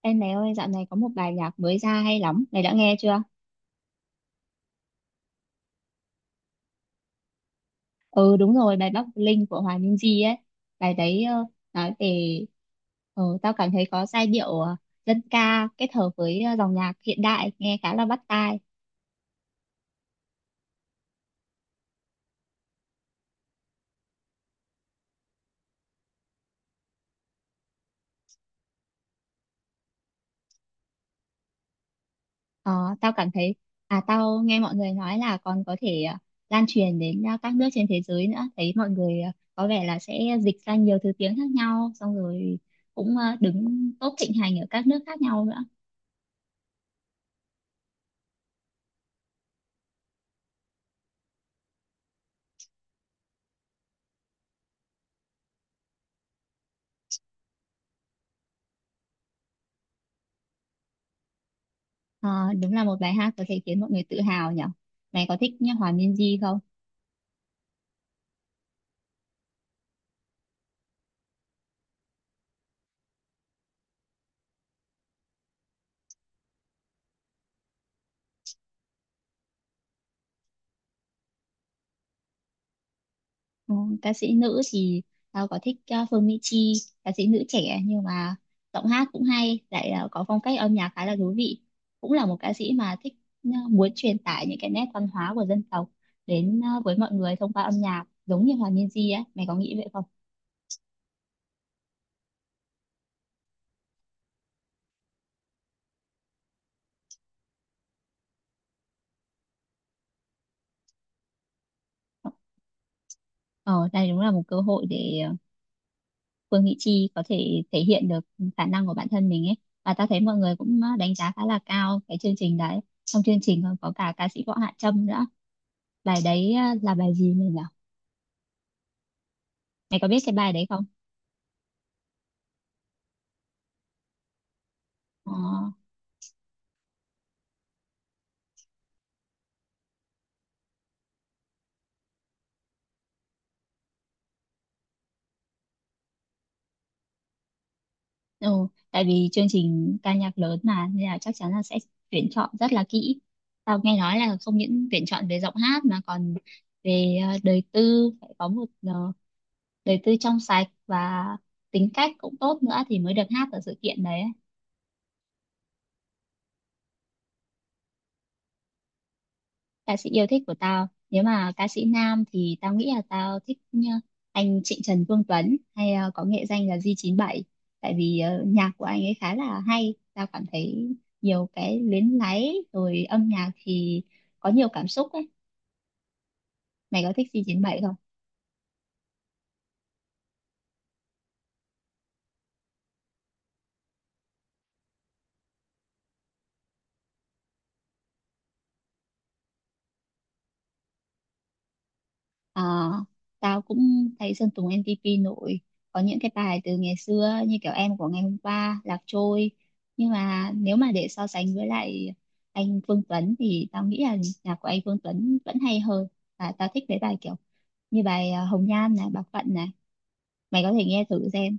Em mẹ ơi, dạo này có một bài nhạc mới ra hay lắm, mày đã nghe chưa? Ừ đúng rồi, bài Bắc Linh của Hòa Minzy ấy. Bài đấy nói về tao cảm thấy có giai điệu dân ca kết hợp với dòng nhạc hiện đại nghe khá là bắt tai. Ờ, tao cảm thấy à tao nghe mọi người nói là còn có thể lan truyền đến các nước trên thế giới nữa. Thấy mọi người có vẻ là sẽ dịch ra nhiều thứ tiếng khác nhau xong rồi cũng đứng top thịnh hành ở các nước khác nhau nữa. Ờ, đúng là một bài hát có thể khiến mọi người tự hào nhỉ. Mày có thích nhá, Hòa Minzy không? Ừ, ca sĩ nữ thì tao có thích Phương Mỹ Chi, ca sĩ nữ trẻ nhưng mà giọng hát cũng hay, lại có phong cách âm nhạc khá là thú vị. Cũng là một ca sĩ mà thích muốn truyền tải những cái nét văn hóa của dân tộc đến với mọi người thông qua âm nhạc, giống như Hòa Minzy ấy. Mày có nghĩ vậy không? Ờ, đây đúng là một cơ hội để Phương Mỹ Chi có thể thể hiện được khả năng của bản thân mình ấy, và ta thấy mọi người cũng đánh giá khá là cao cái chương trình đấy. Trong chương trình còn có cả ca sĩ Võ Hạ Trâm nữa. Bài đấy là bài gì mình nhỉ, mày có biết cái bài đấy không? Ờ, ừ, tại vì chương trình ca nhạc lớn mà nên là chắc chắn là sẽ tuyển chọn rất là kỹ. Tao nghe nói là không những tuyển chọn về giọng hát mà còn về đời tư, phải có một đời tư trong sạch và tính cách cũng tốt nữa thì mới được hát ở sự kiện đấy. Ca sĩ yêu thích của tao, nếu mà ca sĩ nam thì tao nghĩ là tao thích nhá, anh Trịnh Trần Vương Tuấn, hay có nghệ danh là G97, tại vì nhạc của anh ấy khá là hay. Tao cảm thấy nhiều cái luyến láy rồi âm nhạc thì có nhiều cảm xúc ấy. Mày có thích G97? Ờ, tao cũng thấy Sơn Tùng M-TP nổi, có những cái bài từ ngày xưa như kiểu Em Của Ngày Hôm Qua, Lạc Trôi, nhưng mà nếu mà để so sánh với lại anh Phương Tuấn thì tao nghĩ là nhạc của anh Phương Tuấn vẫn hay hơn. Và tao thích mấy bài kiểu như bài Hồng Nhan này, Bạc Phận này, mày có thể nghe thử xem.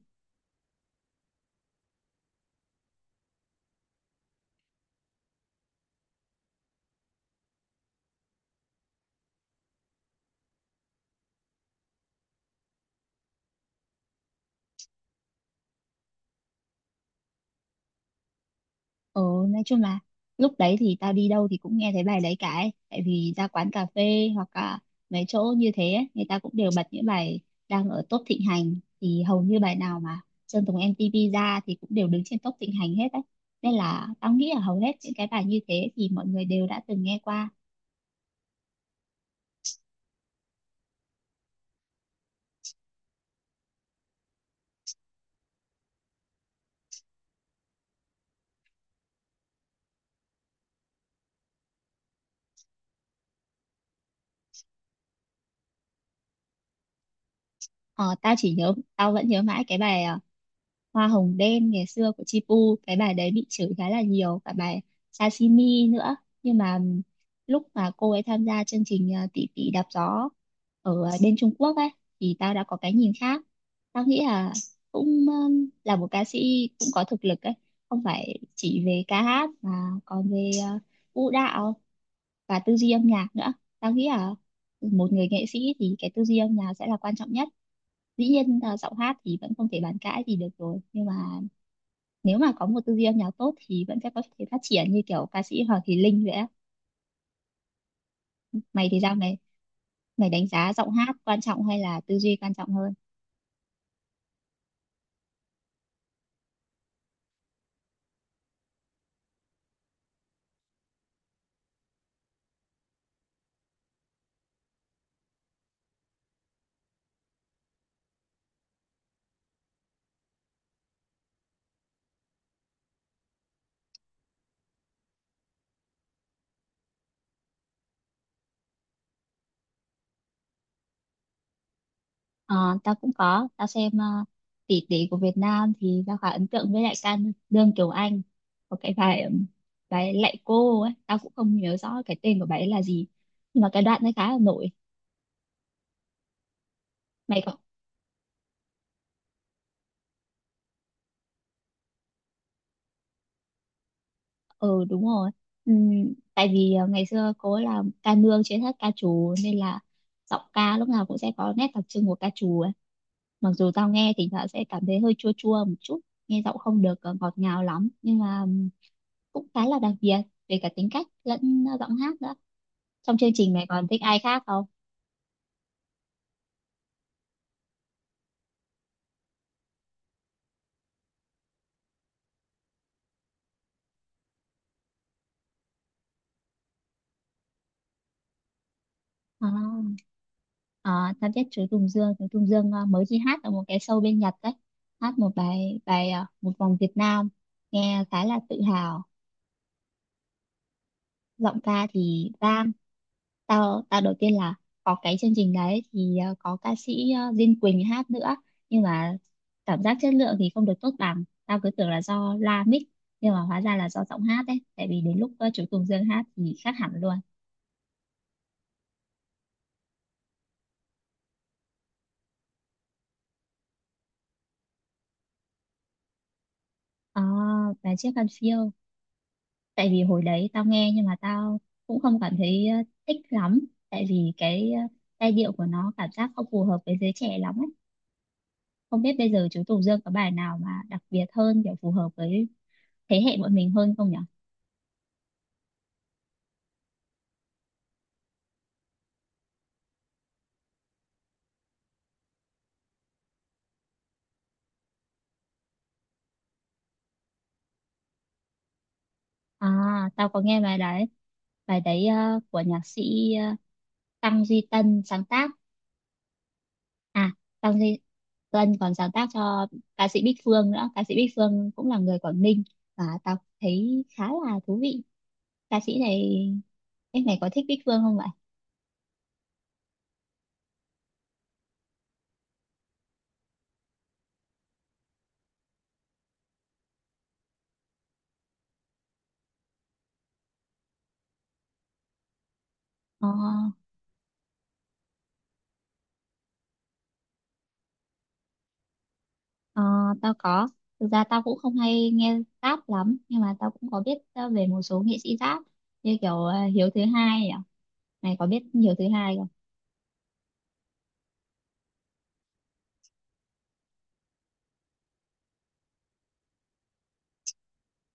Ừ, nói chung là lúc đấy thì tao đi đâu thì cũng nghe thấy bài đấy cả ấy. Tại vì ra quán cà phê hoặc là mấy chỗ như thế ấy, người ta cũng đều bật những bài đang ở top thịnh hành, thì hầu như bài nào mà Sơn Tùng MTP ra thì cũng đều đứng trên top thịnh hành hết đấy. Nên là tao nghĩ là hầu hết những cái bài như thế thì mọi người đều đã từng nghe qua. Ờ, tao chỉ nhớ, tao vẫn nhớ mãi cái bài Hoa Hồng Đen ngày xưa của Chipu, cái bài đấy bị chửi khá là nhiều, cả bài Sashimi nữa. Nhưng mà lúc mà cô ấy tham gia chương trình Tỷ Tỷ Đạp Gió ở bên Trung Quốc ấy thì tao đã có cái nhìn khác. Tao nghĩ là cũng là một ca sĩ cũng có thực lực ấy, không phải chỉ về ca hát mà còn về vũ đạo và tư duy âm nhạc nữa. Tao nghĩ là một người nghệ sĩ thì cái tư duy âm nhạc sẽ là quan trọng nhất. Dĩ nhiên giọng hát thì vẫn không thể bàn cãi gì được rồi, nhưng mà nếu mà có một tư duy âm nhạc tốt thì vẫn sẽ có thể phát triển như kiểu ca sĩ Hoàng Thùy Linh vậy á. Mày thì sao mày, mày đánh giá giọng hát quan trọng hay là tư duy quan trọng hơn? Ờ, tao cũng có, tao xem uh, tỷ tỷ của Việt Nam thì tao khá ấn tượng với lại ca Lương Kiều Anh, có cái bài bài Lạy Cô ấy, tao cũng không nhớ rõ cái tên của bài ấy là gì, nhưng mà cái đoạn ấy khá là nổi. Mày có, ừ đúng rồi. Tại vì ngày xưa cô ấy là ca nương trên hết ca trù nên là giọng ca lúc nào cũng sẽ có nét đặc trưng của ca trù ấy. Mặc dù tao nghe thỉnh thoảng sẽ cảm thấy hơi chua chua một chút, nghe giọng không được ngọt ngào lắm, nhưng mà cũng khá là đặc biệt về cả tính cách lẫn giọng hát nữa. Trong chương trình mày còn thích ai khác không? à, Tao biết chú Tùng Dương. Chú Tùng Dương mới đi hát ở một cái show bên Nhật đấy, hát một bài, bài Một Vòng Việt Nam, nghe khá là tự hào. Giọng ca thì bang. Tao tao đầu tiên là có cái chương trình đấy thì có ca sĩ Diên Quỳnh hát nữa, nhưng mà cảm giác chất lượng thì không được tốt bằng. Tao cứ tưởng là do loa mic, nhưng mà hóa ra là do giọng hát đấy, tại vì đến lúc chú Tùng Dương hát thì khác hẳn luôn. À, và Chiếc Khăn Phiêu, tại vì hồi đấy tao nghe nhưng mà tao cũng không cảm thấy thích lắm, tại vì cái giai điệu của nó cảm giác không phù hợp với giới trẻ lắm ấy. Không biết bây giờ chú Tùng Dương có bài nào mà đặc biệt hơn, kiểu phù hợp với thế hệ bọn mình hơn không nhỉ? À, tao có nghe bài đấy. Bài đấy của nhạc sĩ ờ, Tăng Duy Tân sáng tác. À, Tăng Duy Tân còn sáng tác cho ca sĩ Bích Phương nữa. Ca sĩ Bích Phương cũng là người Quảng Ninh, và tao thấy khá là thú vị. Ca sĩ này, em này có thích Bích Phương không vậy? Ờ, ờ, tao có. Thực ra tao cũng không hay nghe rap lắm, nhưng mà tao cũng có biết về một số nghệ sĩ rap, như kiểu Hiếu Thứ Hai nhỉ? Mày có biết Hiếu Thứ Hai không?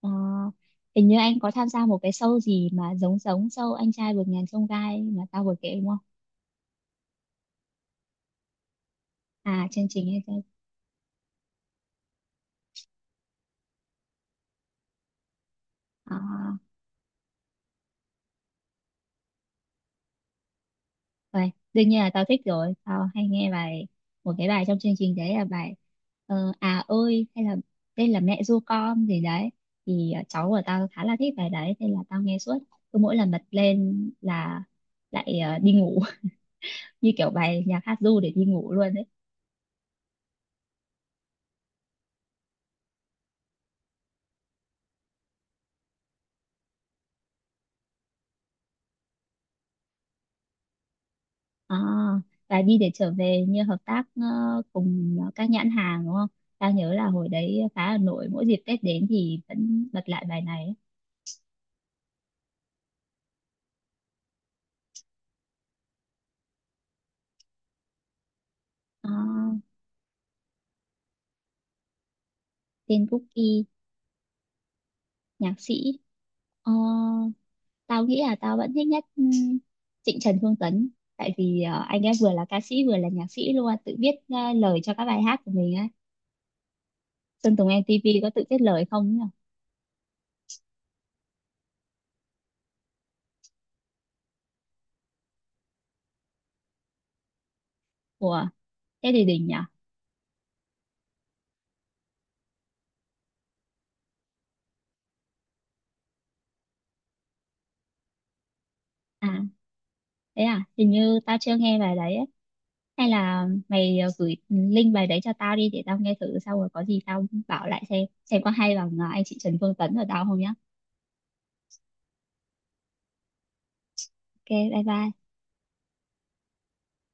Ờ, hình như anh có tham gia một cái show gì mà giống giống show Anh Trai Vượt Ngàn Chông Gai mà tao vừa kể đúng không? À, chương trình Anh Trai. À, vậy đương nhiên là tao thích rồi. Tao hay nghe bài, một cái bài trong chương trình đấy là bài À Ơi, hay là Đây Là Mẹ Ru Con gì đấy. Thì cháu của tao khá là thích bài đấy nên là tao nghe suốt. Cứ mỗi lần bật lên là lại đi ngủ như kiểu bài nhạc hát ru để đi ngủ luôn đấy. À, và Đi Để Trở Về như hợp tác cùng các nhãn hàng đúng không? Tao nhớ là hồi đấy phá Hà Nội mỗi dịp Tết đến thì vẫn bật lại bài này ấy. À, tên Cookie, nhạc sĩ. Ờ, tao nghĩ là tao vẫn thích nhất Trịnh Trần Phương Tấn. Tại vì anh ấy vừa là ca sĩ vừa là nhạc sĩ luôn, tự viết lời cho các bài hát của mình á. Sơn Tùng MTP có tự viết lời không nhỉ? Ủa, thế thì đỉnh nhỉ? À, thế à, hình như tao chưa nghe bài đấy ấy. Hay là mày gửi link bài đấy cho tao đi để tao nghe thử xong rồi có gì tao bảo lại xem có hay bằng anh chị Trần Phương Tấn ở tao không nhá. Ok, bye bye.